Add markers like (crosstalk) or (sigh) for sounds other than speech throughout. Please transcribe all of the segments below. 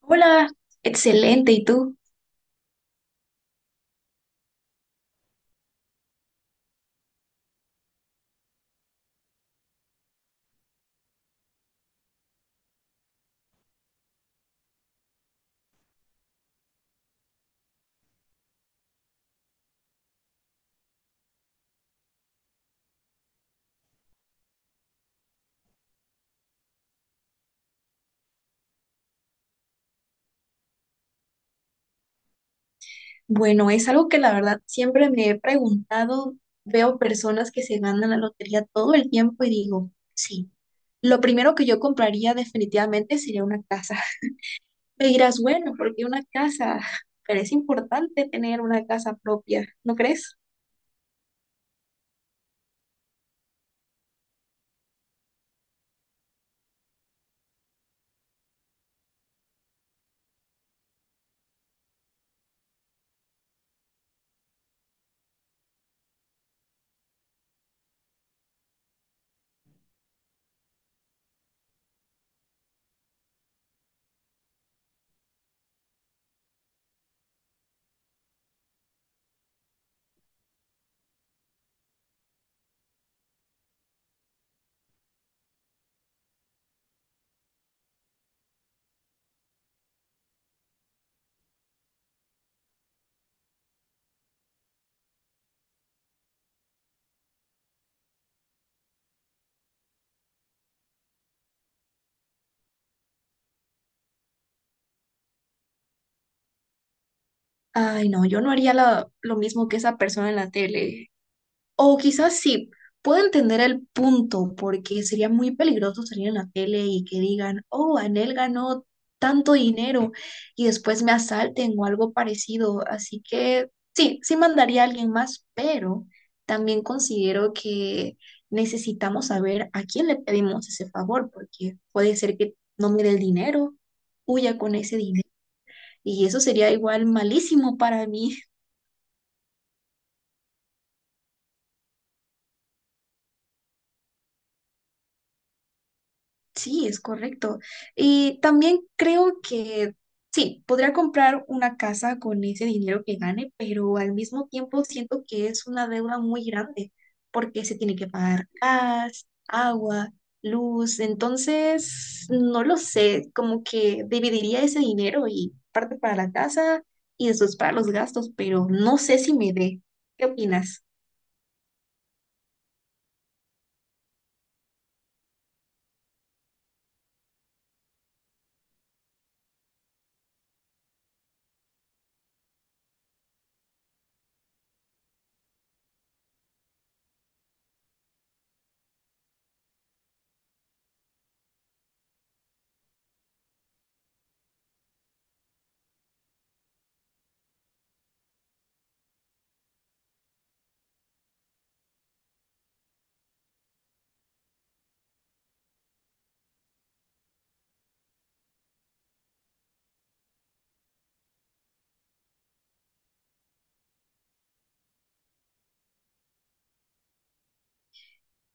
Hola, excelente. ¿Y tú? Bueno, es algo que la verdad siempre me he preguntado. Veo personas que se ganan la lotería todo el tiempo y digo, sí, lo primero que yo compraría definitivamente sería una casa. (laughs) Me dirás, bueno, ¿porque una casa? (laughs) Pero es importante tener una casa propia, ¿no crees? Ay, no, yo no haría lo mismo que esa persona en la tele. O quizás sí, puedo entender el punto, porque sería muy peligroso salir en la tele y que digan, oh, Anel ganó tanto dinero y después me asalten o algo parecido. Así que sí, sí mandaría a alguien más, pero también considero que necesitamos saber a quién le pedimos ese favor, porque puede ser que no me dé el dinero, huya con ese dinero. Y eso sería igual malísimo para mí. Sí, es correcto. Y también creo que sí, podría comprar una casa con ese dinero que gane, pero al mismo tiempo siento que es una deuda muy grande porque se tiene que pagar gas, agua, luz. Entonces, no lo sé, como que dividiría ese dinero y parte para la casa y después para los gastos, pero no sé si me dé. ¿Qué opinas?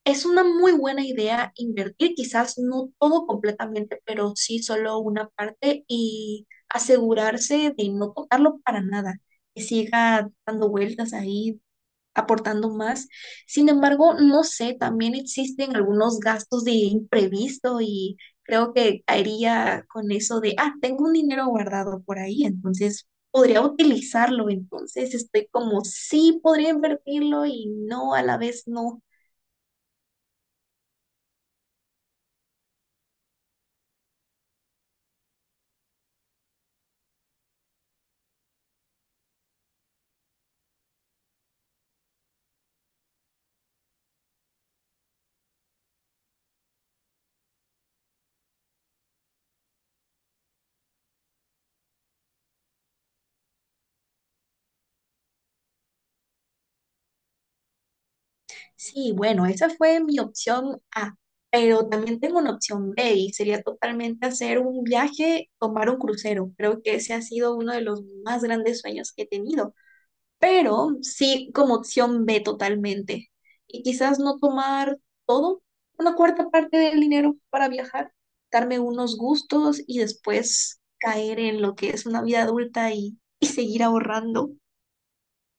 Es una muy buena idea invertir, quizás no todo completamente, pero sí solo una parte y asegurarse de no tocarlo para nada, que siga dando vueltas ahí, aportando más. Sin embargo, no sé, también existen algunos gastos de imprevisto y creo que caería con eso de, ah, tengo un dinero guardado por ahí, entonces podría utilizarlo. Entonces estoy como, sí, podría invertirlo y no, a la vez no. Sí, bueno, esa fue mi opción A, pero también tengo una opción B y sería totalmente hacer un viaje, tomar un crucero. Creo que ese ha sido uno de los más grandes sueños que he tenido, pero sí como opción B totalmente. Y quizás no tomar todo, una cuarta parte del dinero para viajar, darme unos gustos y después caer en lo que es una vida adulta y seguir ahorrando.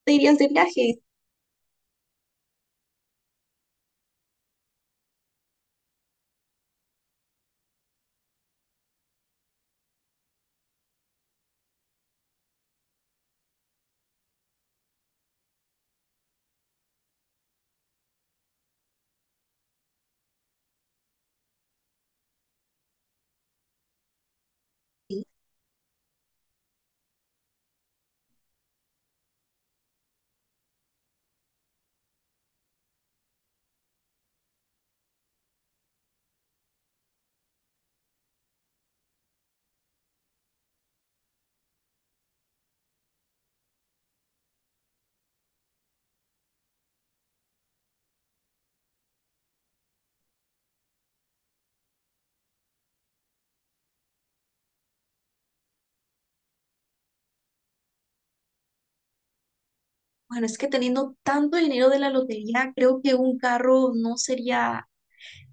¿Te irías de viaje? Bueno, es que teniendo tanto dinero de la lotería, creo que un carro no sería,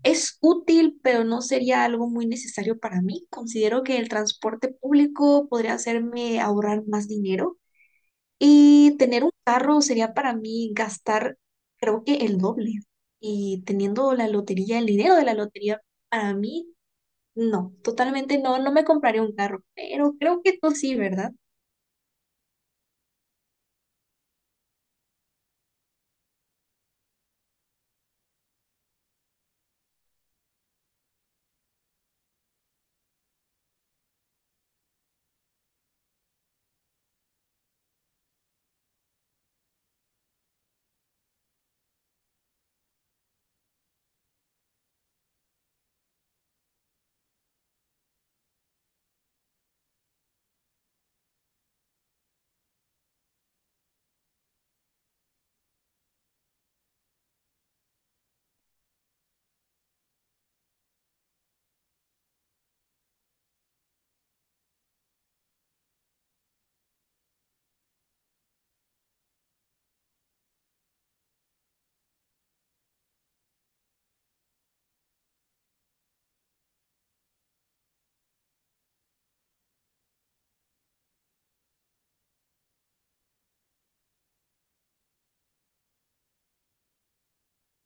es útil, pero no sería algo muy necesario para mí. Considero que el transporte público podría hacerme ahorrar más dinero y tener un carro sería para mí gastar, creo que el doble. Y teniendo la lotería, el dinero de la lotería, para mí, no, totalmente no, no me compraría un carro, pero creo que tú sí, ¿verdad?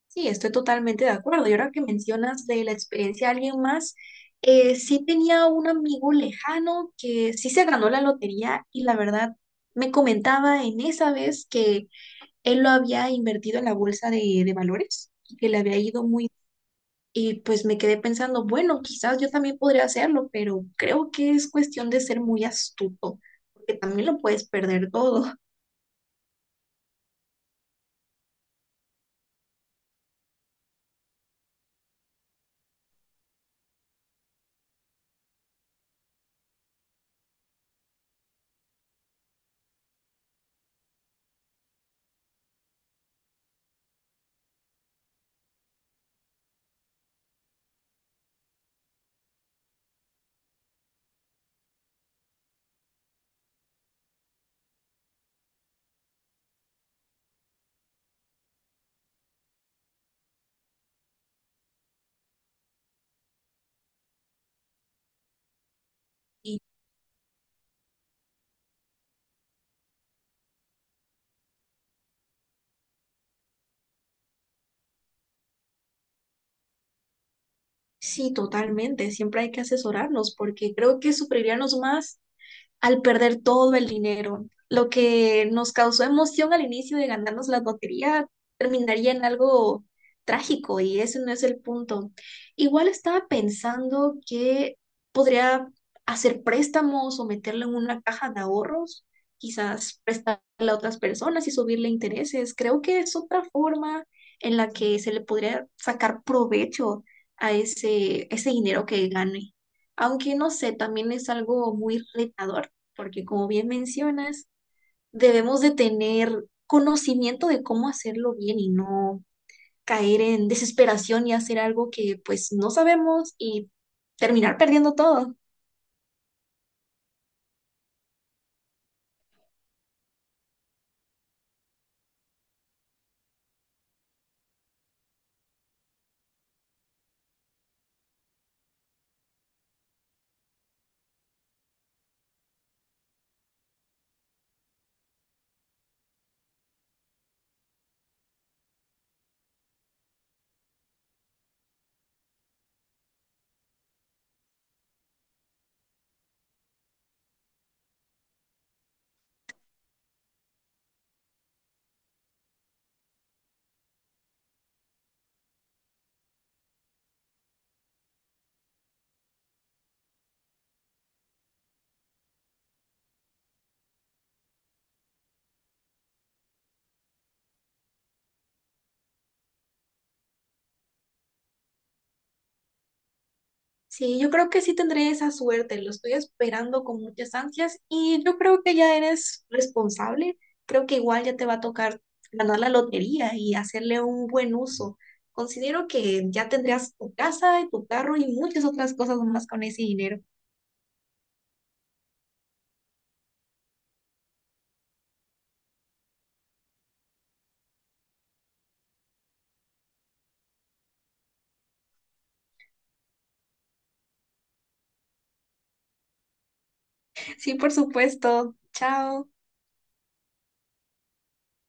Sí, estoy totalmente de acuerdo. Y ahora que mencionas de la experiencia de alguien más, sí tenía un amigo lejano que sí se ganó la lotería y la verdad me comentaba en esa vez que él lo había invertido en la bolsa de valores y que le había ido muy... Y pues me quedé pensando, bueno, quizás yo también podría hacerlo, pero creo que es cuestión de ser muy astuto, porque también lo puedes perder todo. Y sí, totalmente, siempre hay que asesorarnos porque creo que sufriríamos más al perder todo el dinero. Lo que nos causó emoción al inicio de ganarnos la lotería terminaría en algo trágico y ese no es el punto. Igual estaba pensando que podría hacer préstamos o meterlo en una caja de ahorros, quizás prestarle a otras personas y subirle intereses. Creo que es otra forma en la que se le podría sacar provecho a ese dinero que gane aunque no sé, también es algo muy retador porque como bien mencionas, debemos de tener conocimiento de cómo hacerlo bien y no caer en desesperación y hacer algo que pues no sabemos y terminar perdiendo todo. Sí, yo creo que sí tendré esa suerte, lo estoy esperando con muchas ansias y yo creo que ya eres responsable, creo que igual ya te va a tocar ganar la lotería y hacerle un buen uso. Considero que ya tendrás tu casa y tu carro y muchas otras cosas más con ese dinero. Sí, por supuesto. Chao.